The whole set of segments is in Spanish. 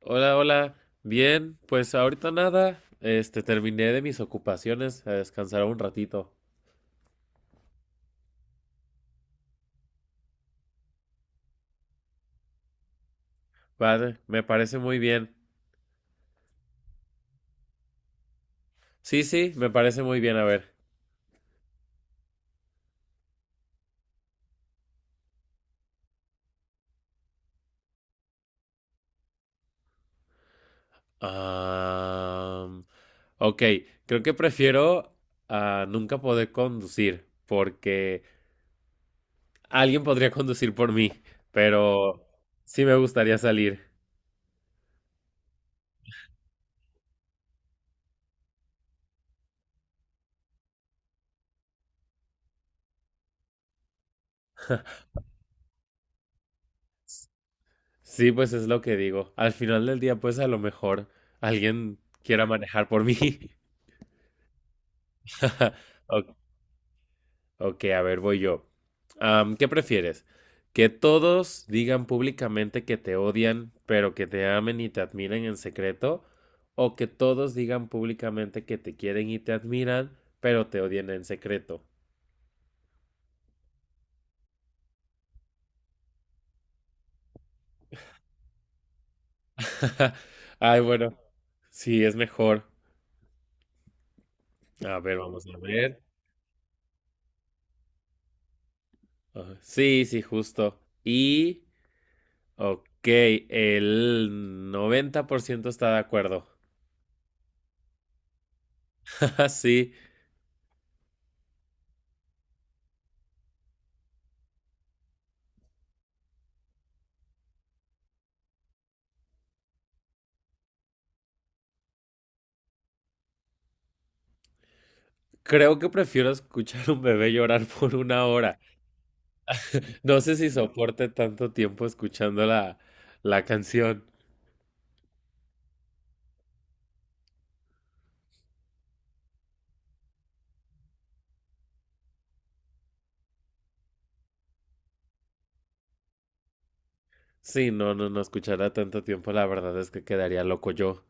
Hola, hola. Bien, pues ahorita nada. Terminé de mis ocupaciones. A descansar un ratito. Vale, me parece muy bien. Sí, sí, me parece muy bien. A ver. Am, ok, creo que prefiero a nunca poder conducir. Porque alguien podría conducir por mí. Pero sí me gustaría salir. Sí, pues es lo que digo. Al final del día, pues a lo mejor alguien quiera manejar por mí. Ok, Ok, a ver, voy yo. ¿Qué prefieres? ¿Que todos digan públicamente que te odian, pero que te amen y te admiren en secreto? ¿O que todos digan públicamente que te quieren y te admiran, pero te odian en secreto? Ay, bueno, sí, es mejor. A ver, vamos a ver. Ajá, sí, sí, justo. Ok, el 90% está de acuerdo. Sí, creo que prefiero escuchar a un bebé llorar por una hora. No sé si soporte tanto tiempo escuchando la canción. Sí, no escuchará tanto tiempo, la verdad es que quedaría loco yo.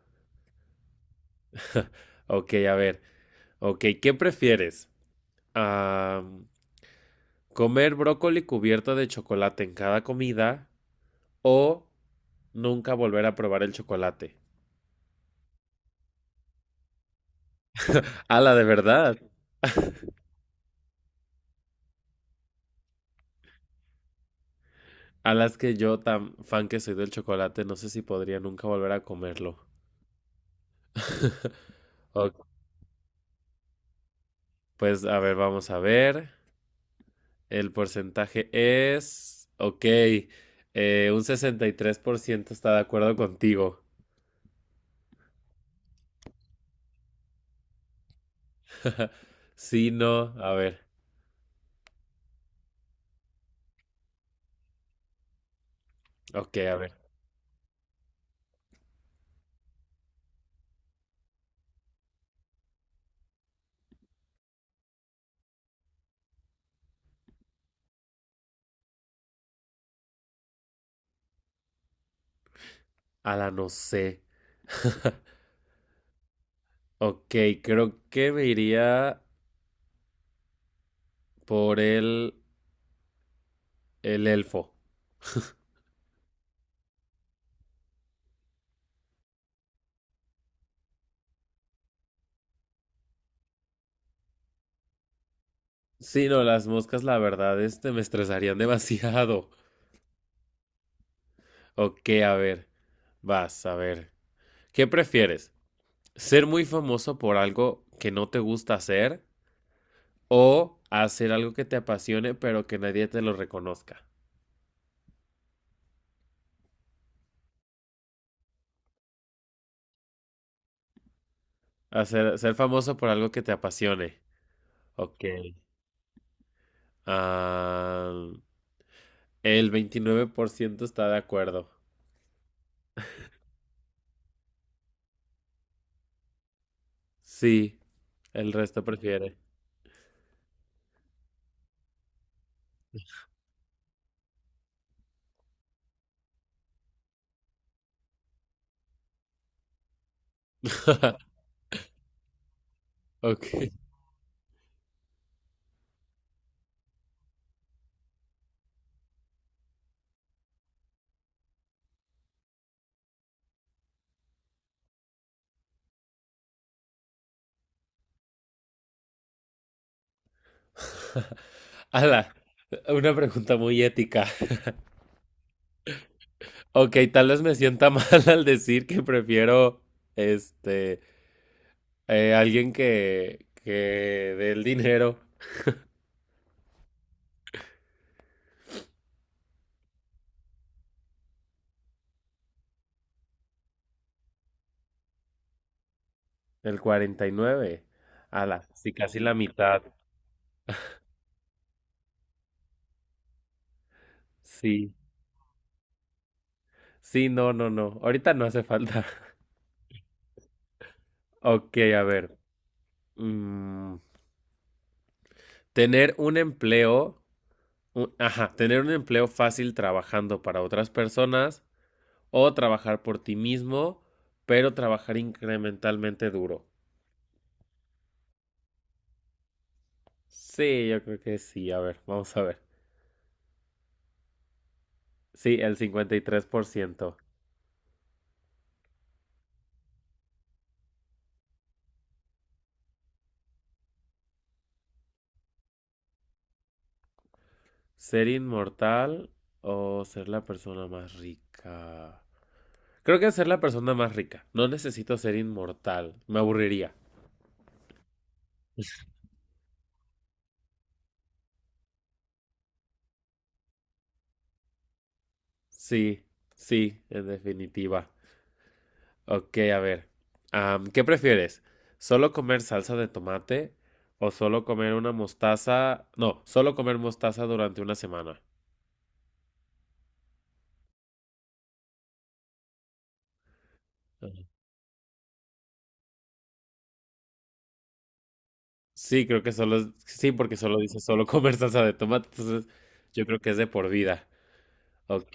Ok, a ver. Ok, ¿qué prefieres? Ah, ¿comer brócoli cubierto de chocolate en cada comida o nunca volver a probar el chocolate? A la de verdad. A las que yo, tan fan que soy del chocolate, no sé si podría nunca volver a comerlo. Ok, pues a ver, vamos a ver. El porcentaje es, ok, un 63% está de acuerdo contigo. Sí, no, a ver, ok, a ver, a la no sé. Ok, creo que me iría por el elfo. Sí, no, las moscas, la verdad, este me estresarían demasiado. Ok, a ver, vas, a ver. ¿Qué prefieres? ¿Ser muy famoso por algo que no te gusta hacer? O hacer algo que te apasione, pero que nadie te lo reconozca. Hacer, ser famoso por algo que te apasione. Ok. Ah, el 29% está de acuerdo. Sí, el resto prefiere. Ok. Ala, una pregunta muy ética. Ok, tal vez me sienta mal al decir que prefiero, este, alguien que dé el dinero. El 49, ala, sí, casi la mitad. Sí. Sí, no. Ahorita no hace falta. Ok, a ver. mm, tener un empleo, ajá, tener un empleo fácil trabajando para otras personas o trabajar por ti mismo, pero trabajar incrementalmente duro. Sí, yo creo que sí. A ver, vamos a ver. Sí, el cincuenta y tres por ciento. ¿Ser inmortal o ser la persona más rica? Creo que ser la persona más rica. No necesito ser inmortal. Me aburriría. Sí, sí, en definitiva. Ok, a ver. ¿Qué prefieres? ¿Solo comer salsa de tomate o solo comer una mostaza? No, solo comer mostaza durante una semana. Ujú. Sí, creo que solo es... Sí, porque solo dice solo comer salsa de tomate. Entonces, yo creo que es de por vida. Ok.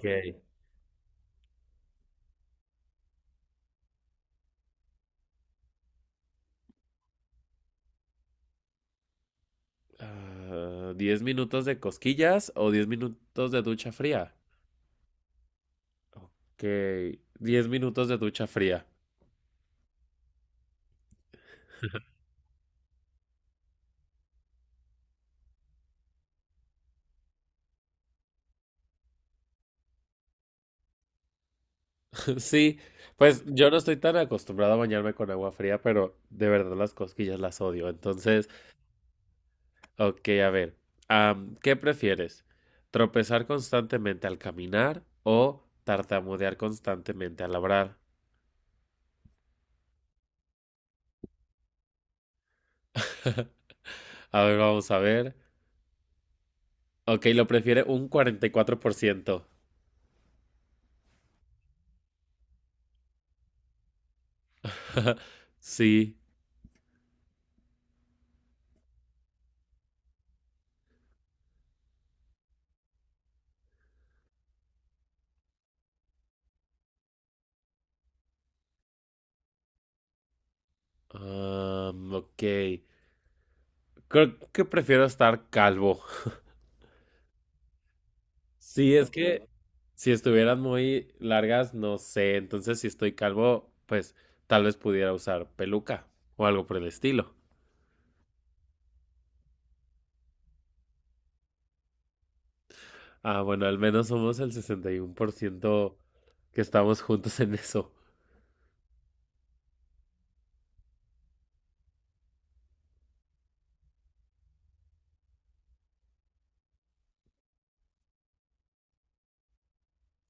Ah, ¿10 minutos de cosquillas o 10 minutos de ducha fría? Que 10 minutos de ducha fría. Sí, pues yo no estoy tan acostumbrado a bañarme con agua fría, pero de verdad las cosquillas las odio. Entonces, ok, a ver, ¿qué prefieres? ¿Tropezar constantemente al caminar o tartamudear constantemente al hablar? A ver, vamos a ver. Ok, lo prefiere un 44%. Sí. Ok. Creo que prefiero estar calvo. Sí, es que si estuvieran muy largas, no sé. Entonces, si estoy calvo, pues tal vez pudiera usar peluca o algo por el estilo. Ah, bueno, al menos somos el 61% que estamos juntos en eso.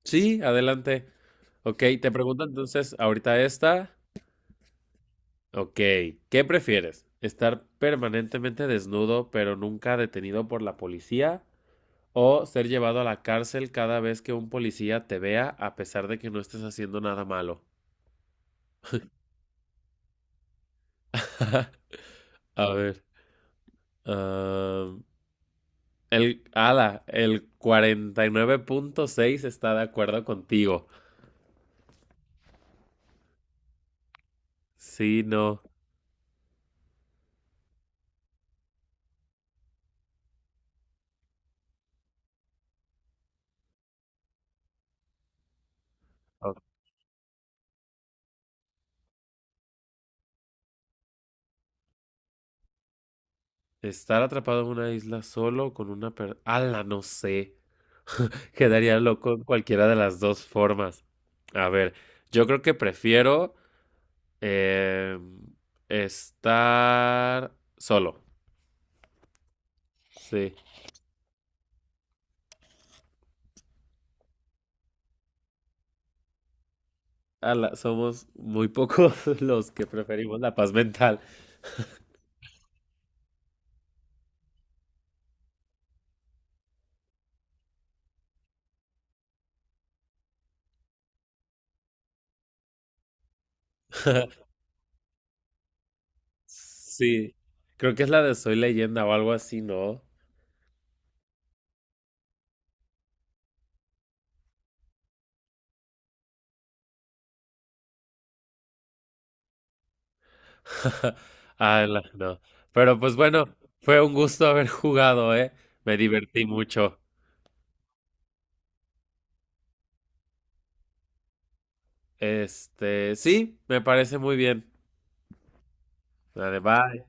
Sí, adelante. Ok, te pregunto entonces, ahorita esta. Ok, ¿qué prefieres? ¿Estar permanentemente desnudo pero nunca detenido por la policía? O ser llevado a la cárcel cada vez que un policía te vea a pesar de que no estés haciendo nada malo. A ver. ah, ala, el cuarenta y nueve punto seis está de acuerdo contigo. Sí, no. Ah. Estar atrapado en una isla solo con una persona. Ala, no sé. Quedaría loco en cualquiera de las dos formas. A ver, yo creo que prefiero em, estar solo. Sí. Ala, somos muy pocos los que preferimos la paz mental. Sí, creo que es la de Soy Leyenda o algo así, ¿no? No. Pero pues bueno, fue un gusto haber jugado, ¿eh? Me divertí mucho. Este, sí, me parece muy bien. Vale, bye.